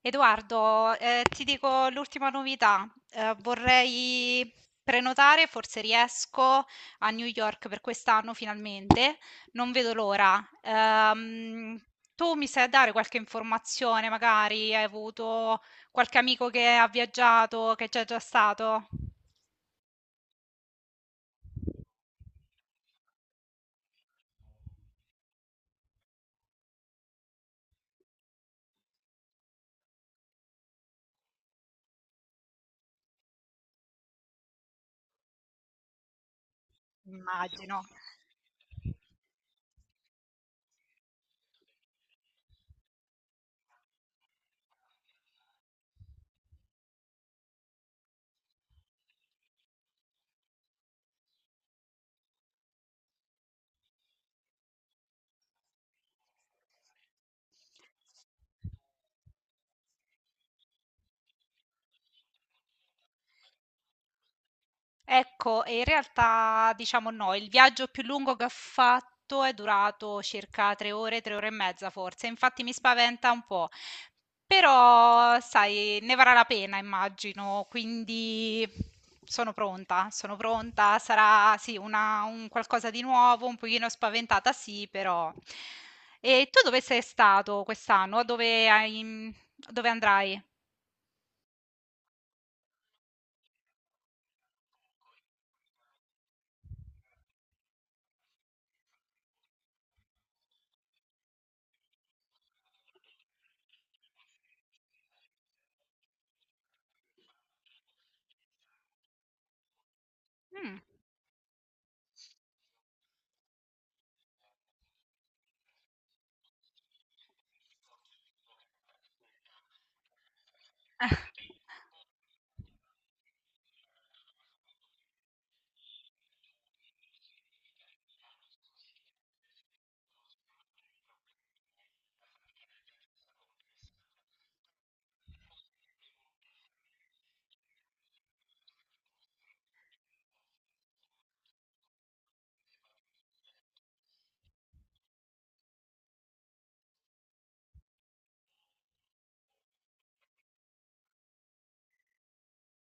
Edoardo, ti dico l'ultima novità. Vorrei prenotare, forse riesco, a New York per quest'anno finalmente. Non vedo l'ora. Tu mi sai dare qualche informazione, magari hai avuto qualche amico che ha viaggiato, che c'è già stato? Immagino. Ecco, e in realtà diciamo no, il viaggio più lungo che ho fatto è durato circa 3 ore, 3 ore e mezza forse, infatti mi spaventa un po', però sai, ne varrà la pena immagino, quindi sono pronta, sarà sì una, un qualcosa di nuovo, un pochino spaventata sì, però. E tu dove sei stato quest'anno? Dove andrai? Mm.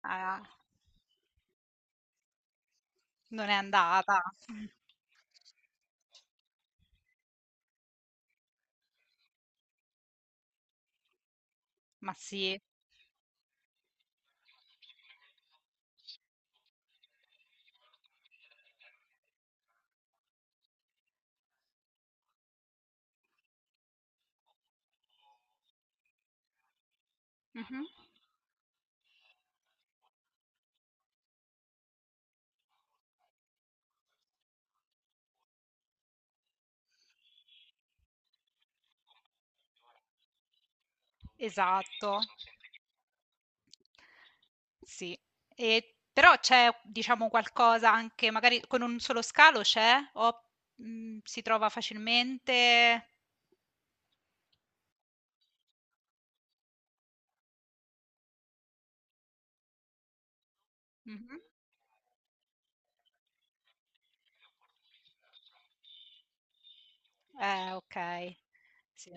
Ah, non è andata. Ma sì, mh-mh, esatto, sì. E però c'è, diciamo, qualcosa anche magari con un solo scalo c'è? O, si trova facilmente? Mh-mh. Okay. Sì.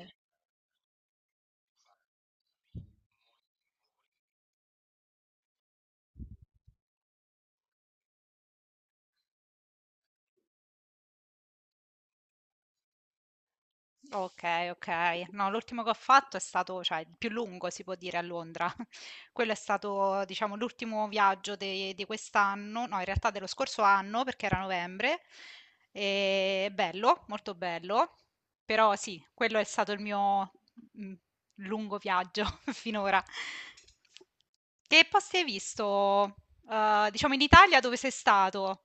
Okay, okay. No, l'ultimo che ho fatto è stato cioè il più lungo si può dire a Londra. Quello è stato, diciamo, l'ultimo viaggio de di quest'anno, no, in realtà dello scorso anno, perché era novembre. E bello, molto bello. Però sì, quello è stato il mio mm, lungo viaggio finora. Che posti hai visto, diciamo, in Italia dove sei stato?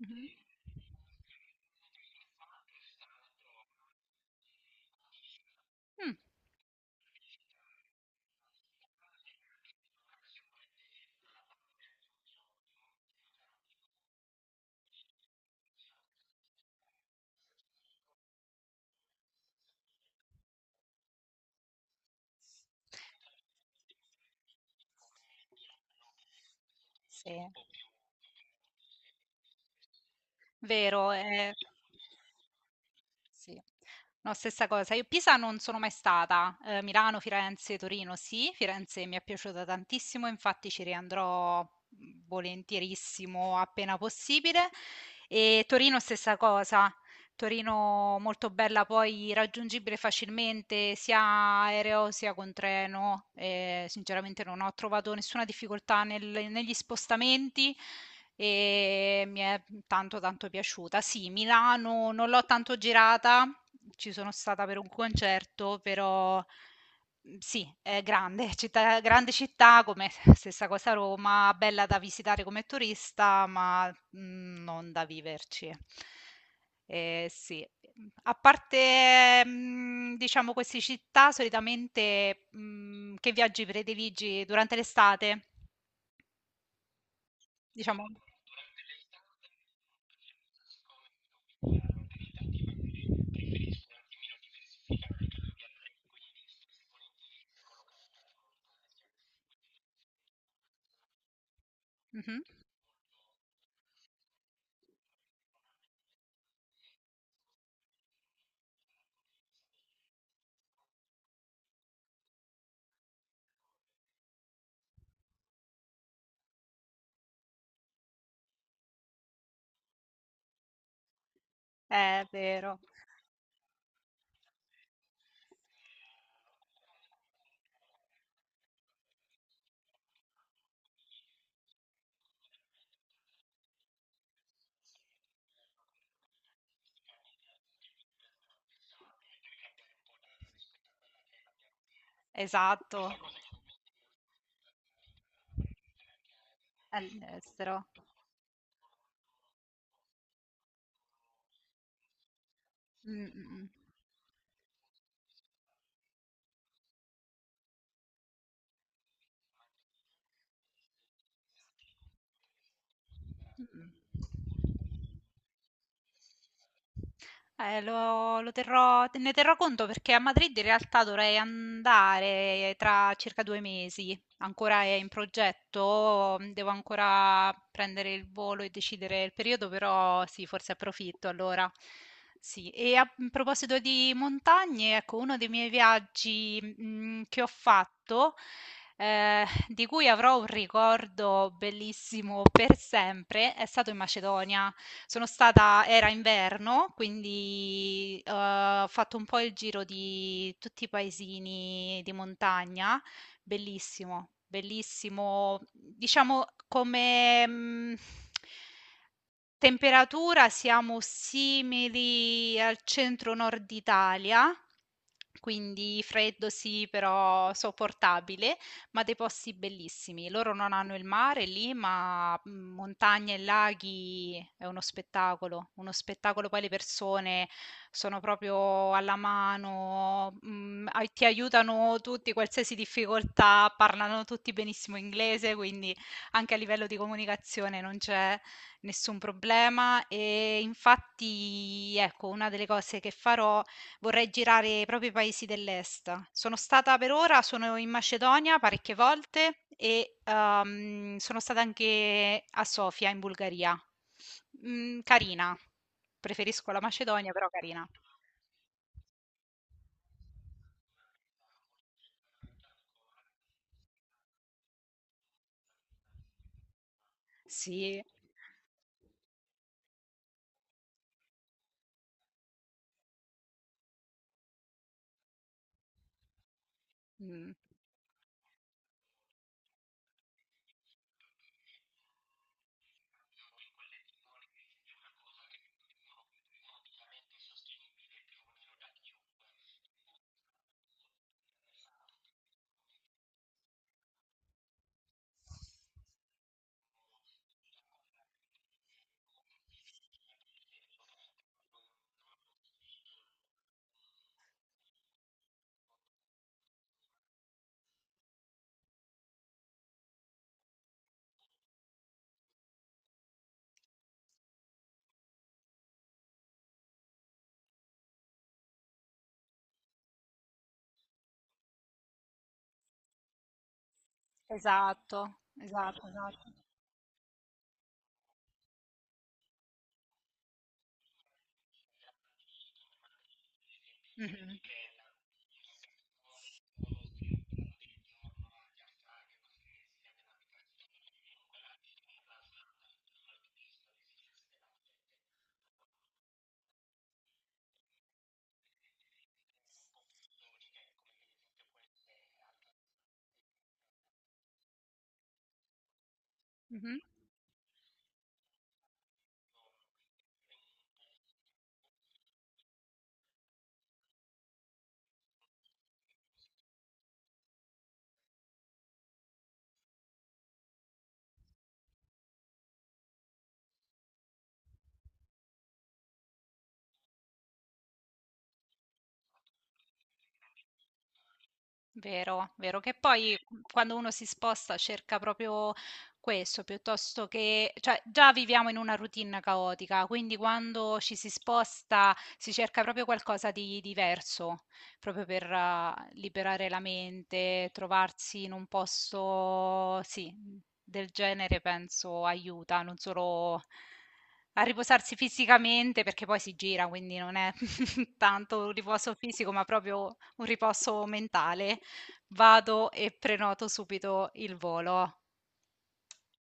Mhm. Mm, sì. Vero, sì. No, stessa cosa. Io Pisa non sono mai stata. Milano, Firenze, Torino sì. Firenze mi è piaciuta tantissimo, infatti ci riandrò, volentierissimo appena possibile. E Torino stessa cosa. Torino molto bella, poi raggiungibile facilmente sia aereo sia con treno. E sinceramente non ho trovato nessuna difficoltà negli spostamenti e mi è tanto tanto piaciuta. Sì, Milano non l'ho tanto girata, ci sono stata per un concerto, però mm, sì, è grande, grande città, come stessa cosa Roma, bella da visitare come turista, ma non da viverci. Sì. A parte, diciamo queste città solitamente, che viaggi prediligi durante l'estate? Diciamo mh-mh. È vero, esatto, all'estero. Mh-mh. Mh-mh. Lo terrò, ne terrò conto perché a Madrid in realtà dovrei andare tra circa 2 mesi. Ancora è in progetto, devo ancora prendere il volo e decidere il periodo, però sì, forse approfitto allora. Sì, e a in proposito di montagne, ecco, uno dei miei viaggi che ho fatto di cui avrò un ricordo bellissimo per sempre, è stato in Macedonia. Sono stata era inverno, quindi, ho fatto un po' il giro di tutti i paesini di montagna. Bellissimo, bellissimo, diciamo come, mhmm temperatura siamo simili al centro nord Italia, quindi freddo sì, però sopportabile, ma dei posti bellissimi. Loro non hanno il mare lì, ma montagne e laghi è uno spettacolo, uno spettacolo. Poi le persone sono proprio alla mano, ti aiutano tutti, qualsiasi difficoltà, parlano tutti benissimo inglese, quindi anche a livello di comunicazione non c'è. Nessun problema. E infatti, ecco, una delle cose che farò vorrei girare proprio i paesi dell'est. Sono stata per ora, sono in Macedonia parecchie volte e sono stata anche a Sofia in Bulgaria. Mm, carina. Preferisco la Macedonia, però carina. Sì. Mm. Esatto, esatto, esatto. Mhm, mhm. Vero, vero, che poi quando uno si sposta cerca proprio questo, piuttosto che, cioè già viviamo in una routine caotica, quindi quando ci si sposta si cerca proprio qualcosa di diverso, proprio per liberare la mente, trovarsi in un posto, sì, del genere penso aiuta, non solo a riposarsi fisicamente, perché poi si gira, quindi non è tanto un riposo fisico, ma proprio un riposo mentale. Vado e prenoto subito il volo.